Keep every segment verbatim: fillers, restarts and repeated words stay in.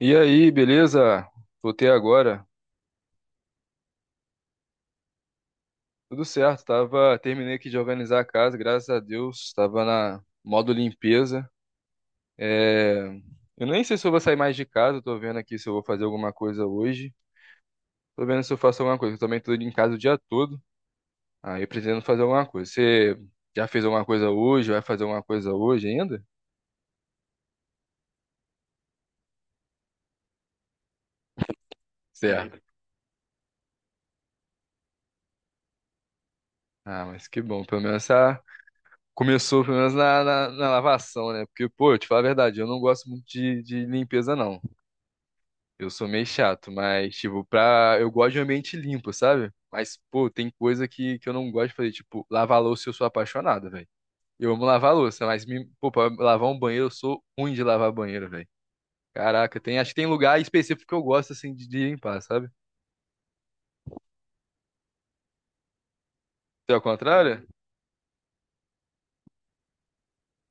E aí, beleza? Voltei agora. Tudo certo, tava, terminei aqui de organizar a casa, graças a Deus, tava na modo limpeza. É, eu nem sei se eu vou sair mais de casa, tô vendo aqui se eu vou fazer alguma coisa hoje. Tô vendo se eu faço alguma coisa, eu também tô em casa o dia todo. Aí pretendo fazer alguma coisa. Você já fez alguma coisa hoje? Vai fazer alguma coisa hoje ainda? Certo. Ah, mas que bom, pelo menos a... começou pelo menos na, na, na lavação, né? Porque, pô, eu te falar a verdade, eu não gosto muito de, de limpeza, não. Eu sou meio chato, mas, tipo, pra. Eu gosto de ambiente limpo, sabe? Mas, pô, tem coisa que, que eu não gosto de fazer. Tipo, lavar louça eu sou apaixonado, velho. Eu amo lavar louça, mas, me... pô, pra lavar um banheiro eu sou ruim de lavar banheiro, velho. Caraca, tem... acho que tem lugar específico que eu gosto, assim, de, de limpar, sabe? Você é ao contrário?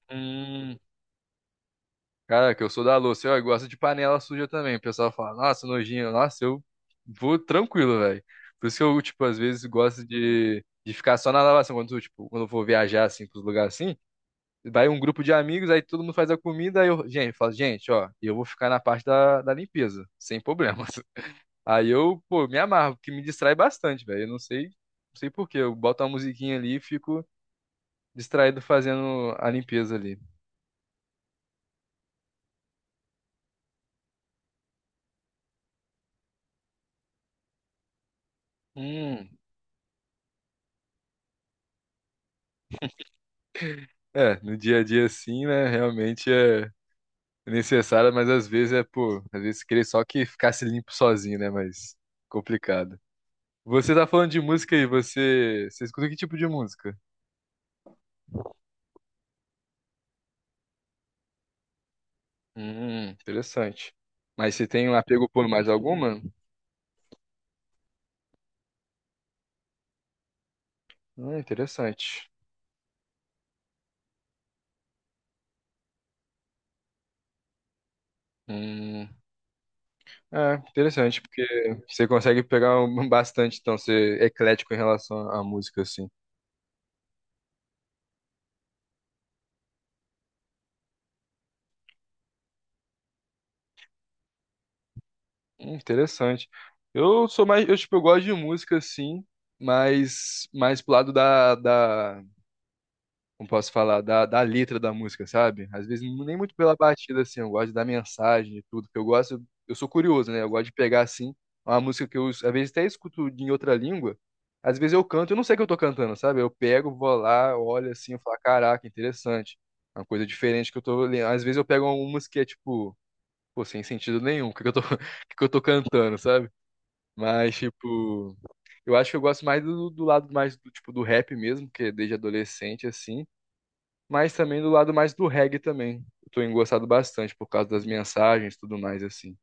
Hum. Caraca, eu sou da louça. Eu gosto de panela suja também. O pessoal fala, nossa, nojinho. Nossa, eu vou tranquilo, velho. Por isso que eu, tipo, às vezes gosto de. De ficar só na lavação, quando, eu, tipo, quando eu vou viajar, assim, pros lugares assim, vai um grupo de amigos, aí todo mundo faz a comida, aí eu, gente, falo, gente, ó, eu vou ficar na parte da, da limpeza, sem problemas. Aí eu, pô, me amarro, porque me distrai bastante, velho. Eu não sei, não sei por quê. Eu boto uma musiquinha ali e fico distraído fazendo a limpeza ali. Hum. É, no dia a dia sim né, realmente é necessário, mas às vezes é, pô, às vezes queria só que ficasse limpo sozinho, né, mas complicado. Você tá falando de música aí, você, você escuta que tipo de música? Hum, interessante. Mas você tem um apego por mais alguma? Hum, interessante. Hum, é, interessante, porque você consegue pegar um- bastante, então, ser eclético em relação à música, assim. Hum, interessante. Eu sou mais, eu, tipo, eu gosto de música, assim, mas mais pro lado da, da como posso falar, da, da letra da música, sabe? Às vezes não- nem muito pela batida, assim, eu gosto da mensagem e tudo, porque eu gosto, eu sou curioso, né? Eu gosto de pegar, assim, uma música que eu, às vezes, até escuto de- em outra língua, às vezes eu canto, eu não sei o que eu tô cantando, sabe? Eu pego, vou lá, olho assim, eu falo, caraca, interessante. Uma coisa diferente que eu tô lendo. Às vezes eu pego uma música que é, tipo, pô, sem sentido nenhum, o que que eu tô, o que que eu tô cantando, sabe? Mas, tipo, eu acho que eu gosto mais do, do lado mais do, tipo, do rap mesmo, que desde adolescente, assim, mas também do lado mais do reggae também. Eu tô engrossado bastante por causa das mensagens e tudo mais, assim.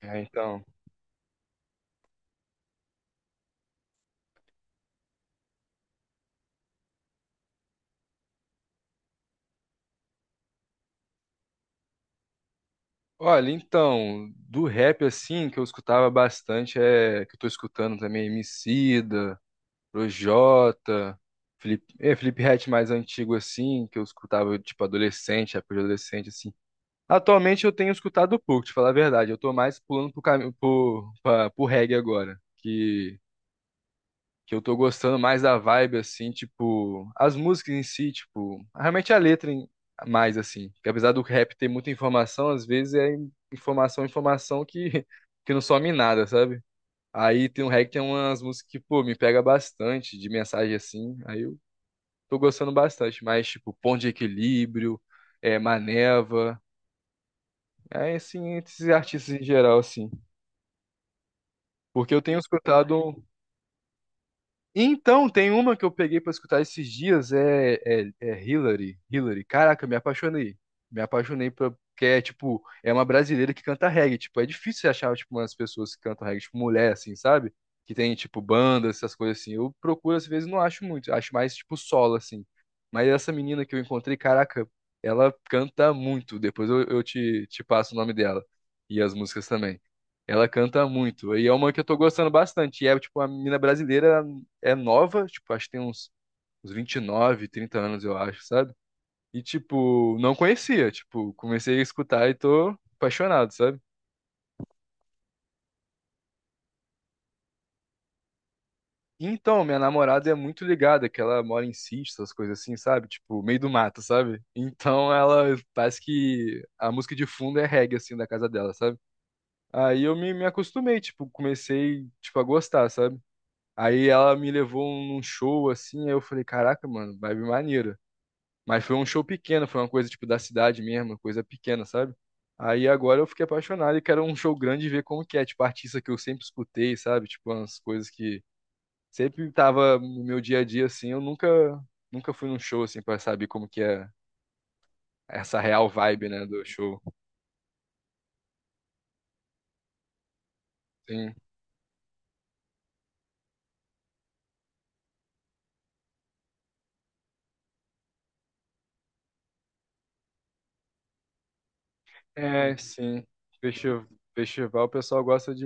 É, então. Olha, então, do rap, assim, que eu escutava bastante, é que eu tô escutando também Emicida, Projota, Felipe, é, Felipe Ret mais antigo, assim, que eu escutava, tipo, adolescente, época de adolescente, assim. Atualmente eu tenho escutado pouco, te falar a verdade. Eu tô mais pulando pro caminho, pro, pra, pro reggae agora. Que que eu tô gostando mais da vibe, assim, tipo, as músicas em si, tipo, realmente a letra em- mais, assim. Que apesar do rap ter muita informação, às vezes é informação, informação que, que não some em nada, sabe? Aí tem um rap que tem umas músicas que, pô, me pega bastante de mensagem assim, aí eu tô gostando bastante, mas, tipo, Ponto de Equilíbrio, é, Maneva, é, assim, esses artistas em geral, assim. Porque eu tenho escutado. Então, tem uma que eu peguei pra escutar esses dias, é, é, é Hillary. Hillary. Caraca, me apaixonei. Me apaixonei pra, porque é, tipo, é uma brasileira que canta reggae. Tipo, é difícil você achar, tipo, umas pessoas que cantam reggae, tipo, mulher, assim, sabe? Que tem, tipo, bandas, essas coisas assim. Eu procuro, às vezes, não acho muito. Acho mais, tipo, solo, assim. Mas essa menina que eu encontrei, caraca, ela canta muito. Depois eu, eu te, te passo o nome dela. E as músicas também. Ela canta muito. E é uma que eu tô gostando bastante. E é, tipo, uma menina brasileira é nova, tipo, acho que tem uns, uns vinte e nove, trinta anos, eu acho, sabe? E, tipo, não conhecia, tipo, comecei a escutar e tô apaixonado, sabe? E então, minha namorada é muito ligada, que ela mora em sítio, essas coisas assim, sabe? Tipo, meio do mato, sabe? Então, ela parece que a música de fundo é reggae, assim, da casa dela, sabe? Aí eu me, me acostumei, tipo, comecei, tipo, a gostar, sabe? Aí ela me levou num show, assim, aí eu falei, caraca, mano, vibe maneiro. Mas foi um show pequeno, foi uma coisa tipo da cidade mesmo, uma coisa pequena, sabe? Aí agora eu fiquei apaixonado e quero um show grande e ver como que é, tipo, artista que eu sempre escutei, sabe? Tipo, umas coisas que sempre tava no meu dia a dia, assim, eu nunca, nunca fui num show, assim, pra saber como que é essa real vibe, né, do show. Sim. É, sim. Festival, festival, o pessoal gosta de.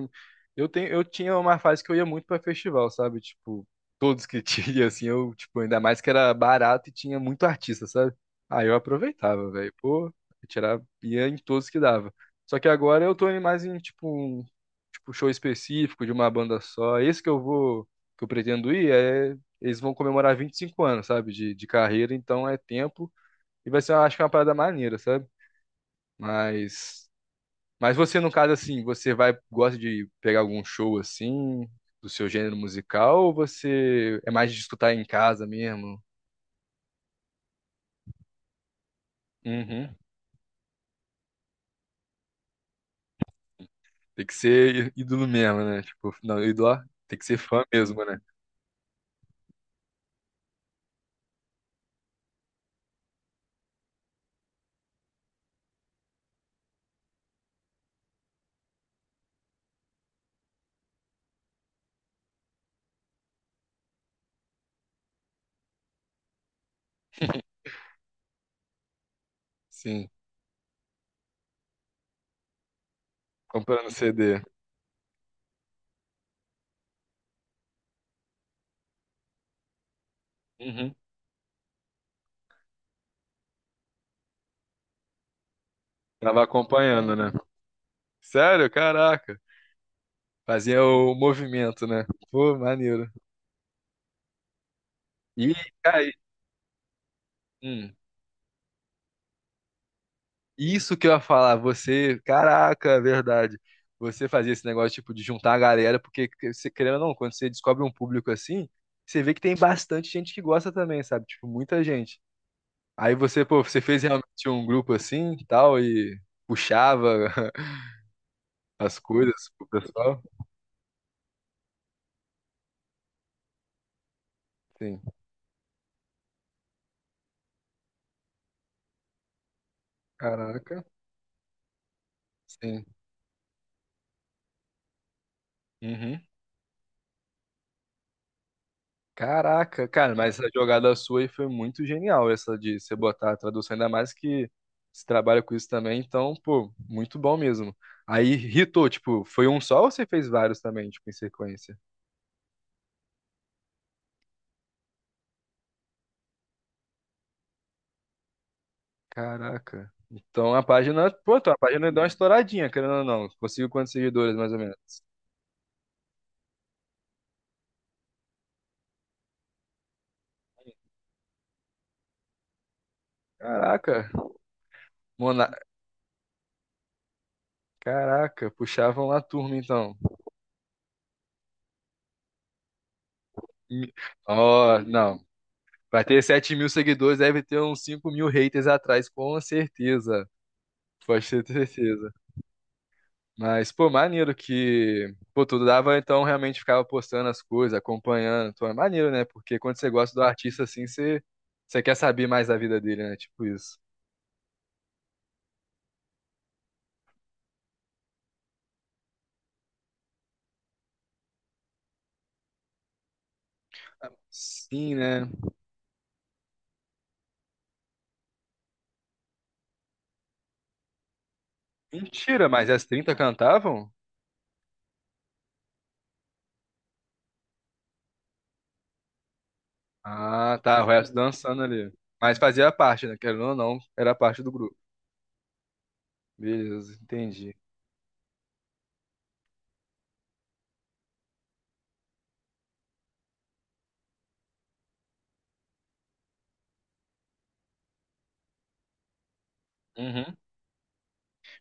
Eu tenho, eu tinha uma fase que eu ia muito pra festival, sabe? Tipo, todos que tinha, assim, eu, tipo, ainda mais que era barato e tinha muito artista, sabe? Aí eu aproveitava, velho. Pô, eu tirava, ia em todos que dava. Só que agora eu tô indo mais em, tipo, um, tipo, show específico de uma banda só. Esse que eu vou, que eu pretendo ir, é. Eles vão comemorar vinte e cinco anos, sabe? De, de carreira, então é tempo. E vai ser, eu acho que é uma parada maneira, sabe? Mas. Mas você, no caso, assim, você vai, gosta de pegar algum show assim, do seu gênero musical, ou você é mais de escutar em casa mesmo? Uhum. Tem que ser í- ídolo mesmo, né? Tipo, não, ídolo, ó, tem que ser fã mesmo, né? Sim, comprando C D. Uhum. Tava acompanhando, né? Sério? Caraca. Fazia o movimento, né? Pô, maneiro. E aí? Isso que eu ia falar, você, caraca, é verdade. Você fazia esse negócio tipo de juntar a galera, porque que- você querendo ou não, quando você descobre um público assim, você vê que tem bastante gente que gosta também, sabe? Tipo, muita gente. Aí você, pô, você fez realmente um grupo assim, e tal e puxava as coisas pro pessoal? Sim. Caraca. Sim. Uhum. Caraca, cara, mas essa jogada sua aí foi muito genial, essa de você botar a tradução, ainda mais que você trabalha com isso também, então, pô, muito bom mesmo. Aí hitou, tipo, foi um só ou você fez vários também, tipo, em sequência? Caraca. Então a página, pô, então a página deu uma estouradinha, querendo ou não. Conseguiu quantos seguidores, mais ou menos? Caraca, mona... Caraca, puxavam lá a turma, então. Hum, Ó, não. Vai ter sete mil seguidores, deve ter uns cinco mil haters atrás, com certeza. Pode ter certeza. Mas, pô, maneiro que, pô, tudo dava, então realmente ficava postando as coisas, acompanhando. Então é maneiro, né? Porque quando você gosta do artista assim, você, você quer saber mais da vida dele, né? Tipo isso. Sim, né? Mentira, mas as trinta cantavam? Ah, tá, o resto dançando ali. Mas fazia parte, né? Querendo ou não, era parte do grupo. Beleza, entendi. Uhum.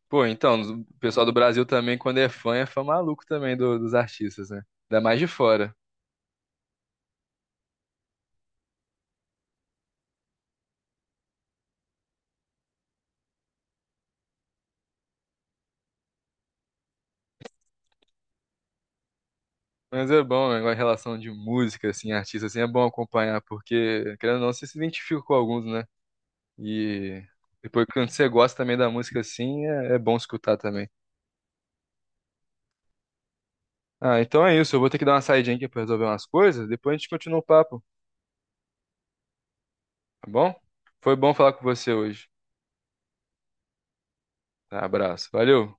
Pô, então, o pessoal do Brasil também, quando é fã, é fã maluco também do- dos artistas, né? Ainda mais de fora. Mas é bom, né? Em relação de música, assim, artista, assim, é bom acompanhar, porque, querendo ou não, você se identifica com alguns, né? E depois, quando você gosta também da música, assim, é, é bom escutar também. Ah, então é isso. Eu vou ter que dar uma saidinha aqui pra resolver umas coisas, depois a gente continua o papo, tá bom? Foi bom falar com você hoje. Tá, abraço. Valeu!